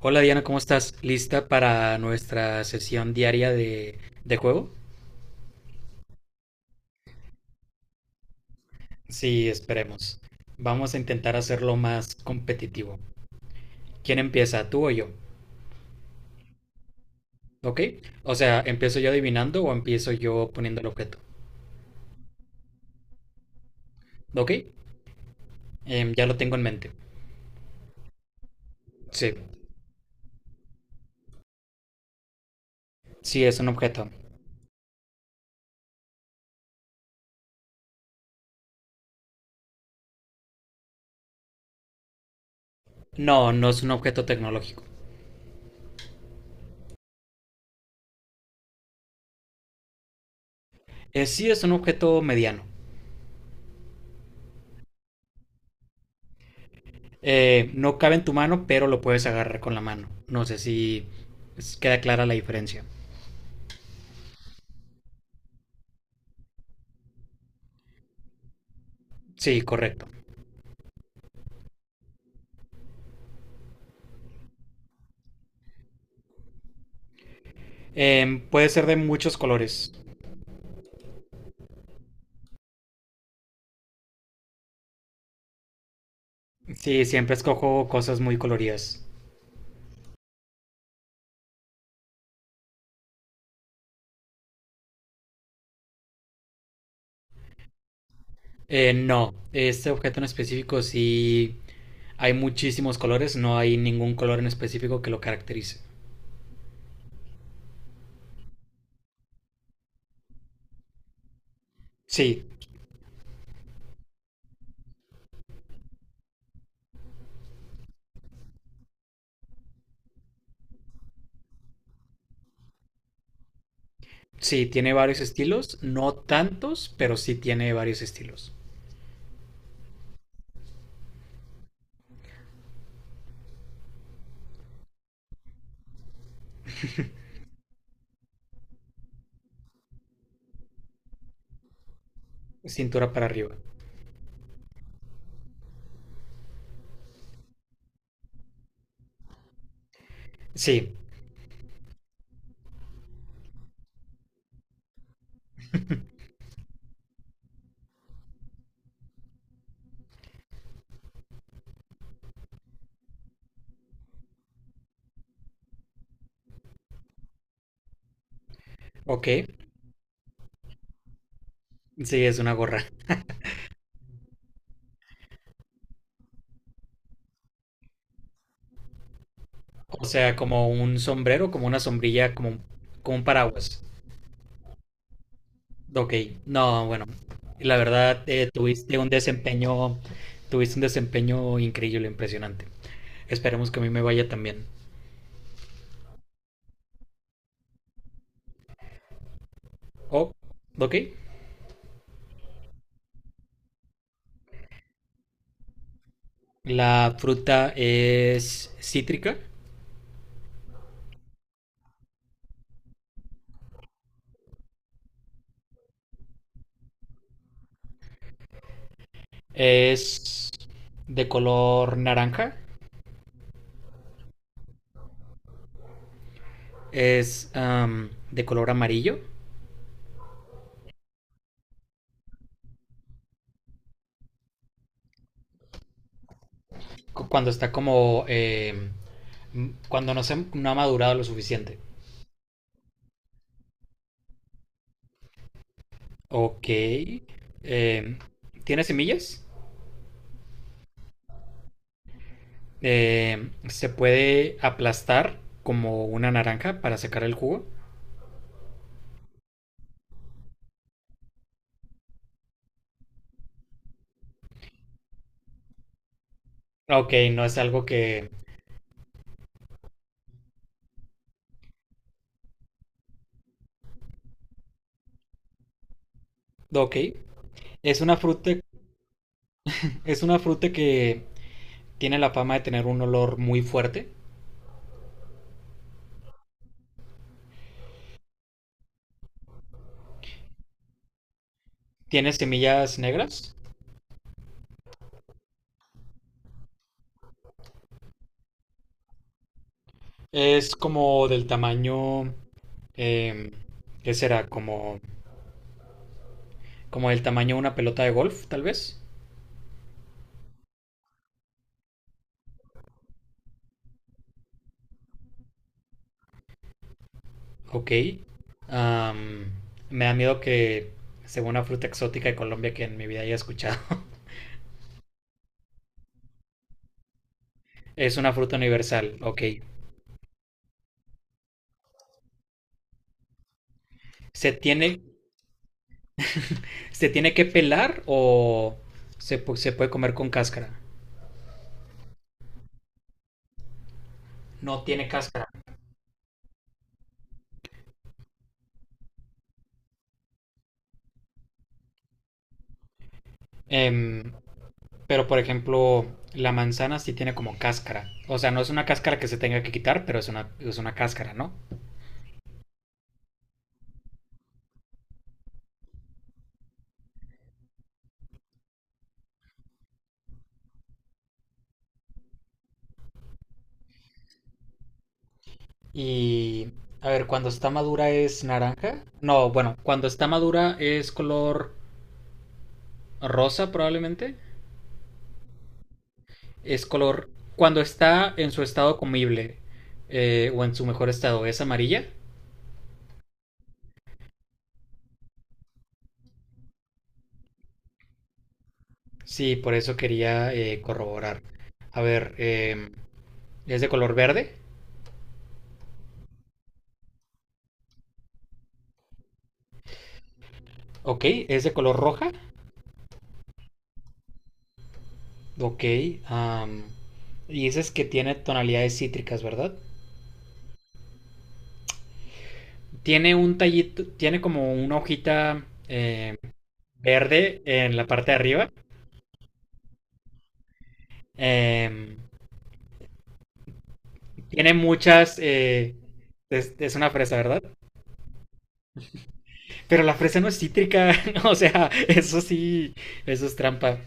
Hola Diana, ¿cómo estás? ¿Lista para nuestra sesión diaria de juego? Sí, esperemos. Vamos a intentar hacerlo más competitivo. ¿Quién empieza, tú o yo? ¿Ok? O sea, ¿empiezo yo adivinando o empiezo yo poniendo el objeto? ¿Ok? Ya lo tengo en mente. Sí, sí es un objeto. No, no es un objeto tecnológico. Sí es un objeto mediano. No cabe en tu mano, pero lo puedes agarrar con la mano. No sé si queda clara la diferencia. Sí, correcto. Puede ser de muchos colores. Sí, siempre escojo cosas muy coloridas. No, este objeto en específico sí hay muchísimos colores, no hay ningún color en específico que lo caracterice. Sí, sí, tiene varios estilos, no tantos, pero sí tiene varios estilos. Cintura para arriba. Sí, ok, sí, es una gorra. O sea, como un sombrero, como una sombrilla, como, como un paraguas. Ok, no, bueno, la verdad tuviste un desempeño increíble, impresionante. Esperemos que a mí me vaya también. Oh, ok, la fruta es cítrica, es de color naranja, es de color amarillo, cuando está como, cuando no ha madurado lo suficiente. Ok, ¿tiene semillas? ¿Se puede aplastar como una naranja para sacar el jugo? Ok, no es algo que... Ok. Es una fruta, es una fruta que tiene la fama de tener un olor muy fuerte. Tiene semillas negras. Es como del tamaño... eh, ¿Qué será? Como, como del tamaño de una pelota de golf, tal vez. Ok. Am, Me da miedo que sea una fruta exótica de Colombia que en mi vida haya escuchado. Es una fruta universal, ok. ¿Se tiene, ¿Se tiene que pelar o se puede comer con cáscara? No tiene cáscara. Em, pero por ejemplo, la manzana sí tiene como cáscara. O sea, no es una cáscara que se tenga que quitar, pero es una cáscara, ¿no? Y a ver, cuando está madura es naranja. No, bueno, cuando está madura es color rosa probablemente. Es color... Cuando está en su estado comible o en su mejor estado es amarilla. Sí, por eso quería corroborar. A ver, ¿es de color verde? Ok. ¿Es de color roja? Ok. am, y dices que tiene tonalidades cítricas, ¿verdad? Tiene un tallito, tiene como una hojita verde en la parte de arriba. Em, Tiene muchas... es una fresa, ¿verdad? Pero la fresa no es cítrica. O sea, eso sí, eso es trampa.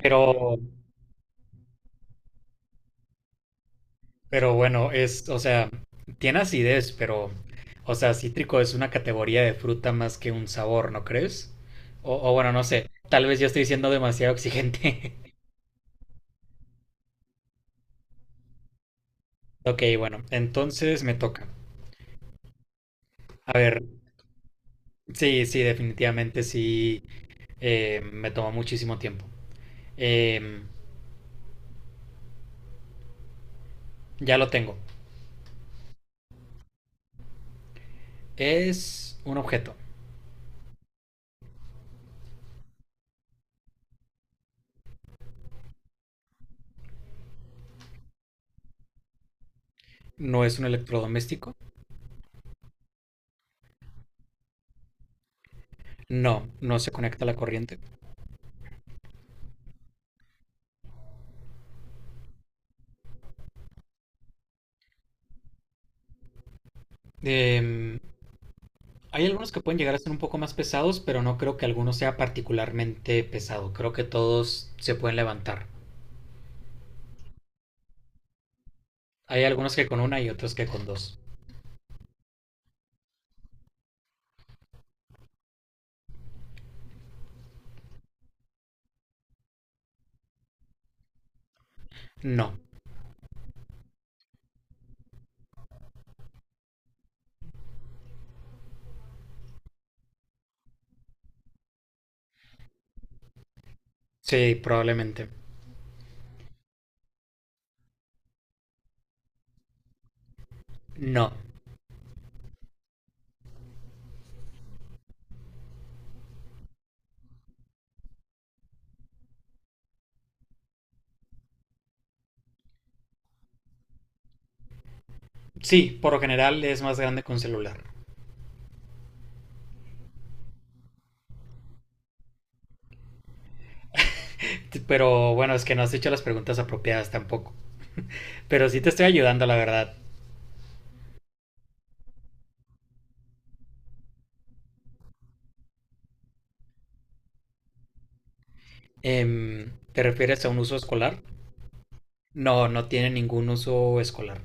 Pero... Pero bueno, es, o sea, tiene acidez, pero, o sea, cítrico es una categoría de fruta más que un sabor, ¿no crees? O bueno, no sé, tal vez yo estoy siendo demasiado exigente. Ok, bueno, entonces me toca. A ver, sí, sí, definitivamente sí, me tomó muchísimo tiempo. Em, ya lo tengo. Es un objeto. No es un electrodoméstico. No, no se conecta a la corriente. Em, Hay algunos que pueden llegar a ser un poco más pesados, pero no creo que alguno sea particularmente pesado. Creo que todos se pueden levantar. Hay algunos que con una y otros que con dos. No. Sí, probablemente. No. Sí, por lo general es más grande que un celular. Pero bueno, es que no has hecho las preguntas apropiadas tampoco. Pero sí te estoy ayudando, la verdad. ¿Te refieres a un uso escolar? No, no tiene ningún uso escolar.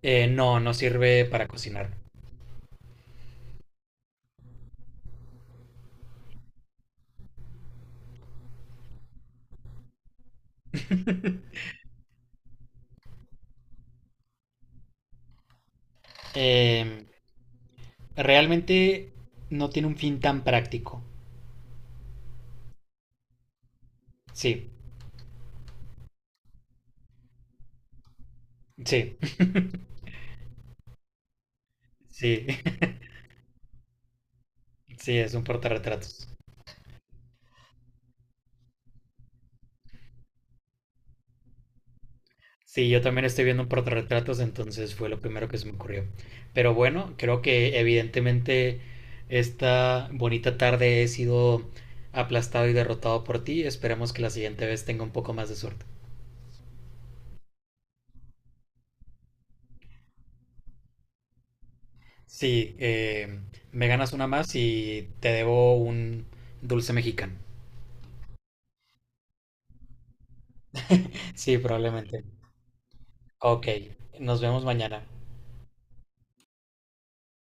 No, no sirve para cocinar. Em, Realmente no tiene un fin tan práctico. Sí, sí, sí, sí, es un portarretratos. Sí, yo también estoy viendo un portarretratos, entonces fue lo primero que se me ocurrió. Pero bueno, creo que evidentemente esta bonita tarde he sido aplastado y derrotado por ti. Esperemos que la siguiente vez tenga un poco más de suerte. Sí, me ganas una más y te debo un dulce mexicano. Sí, probablemente. Ok, nos vemos mañana.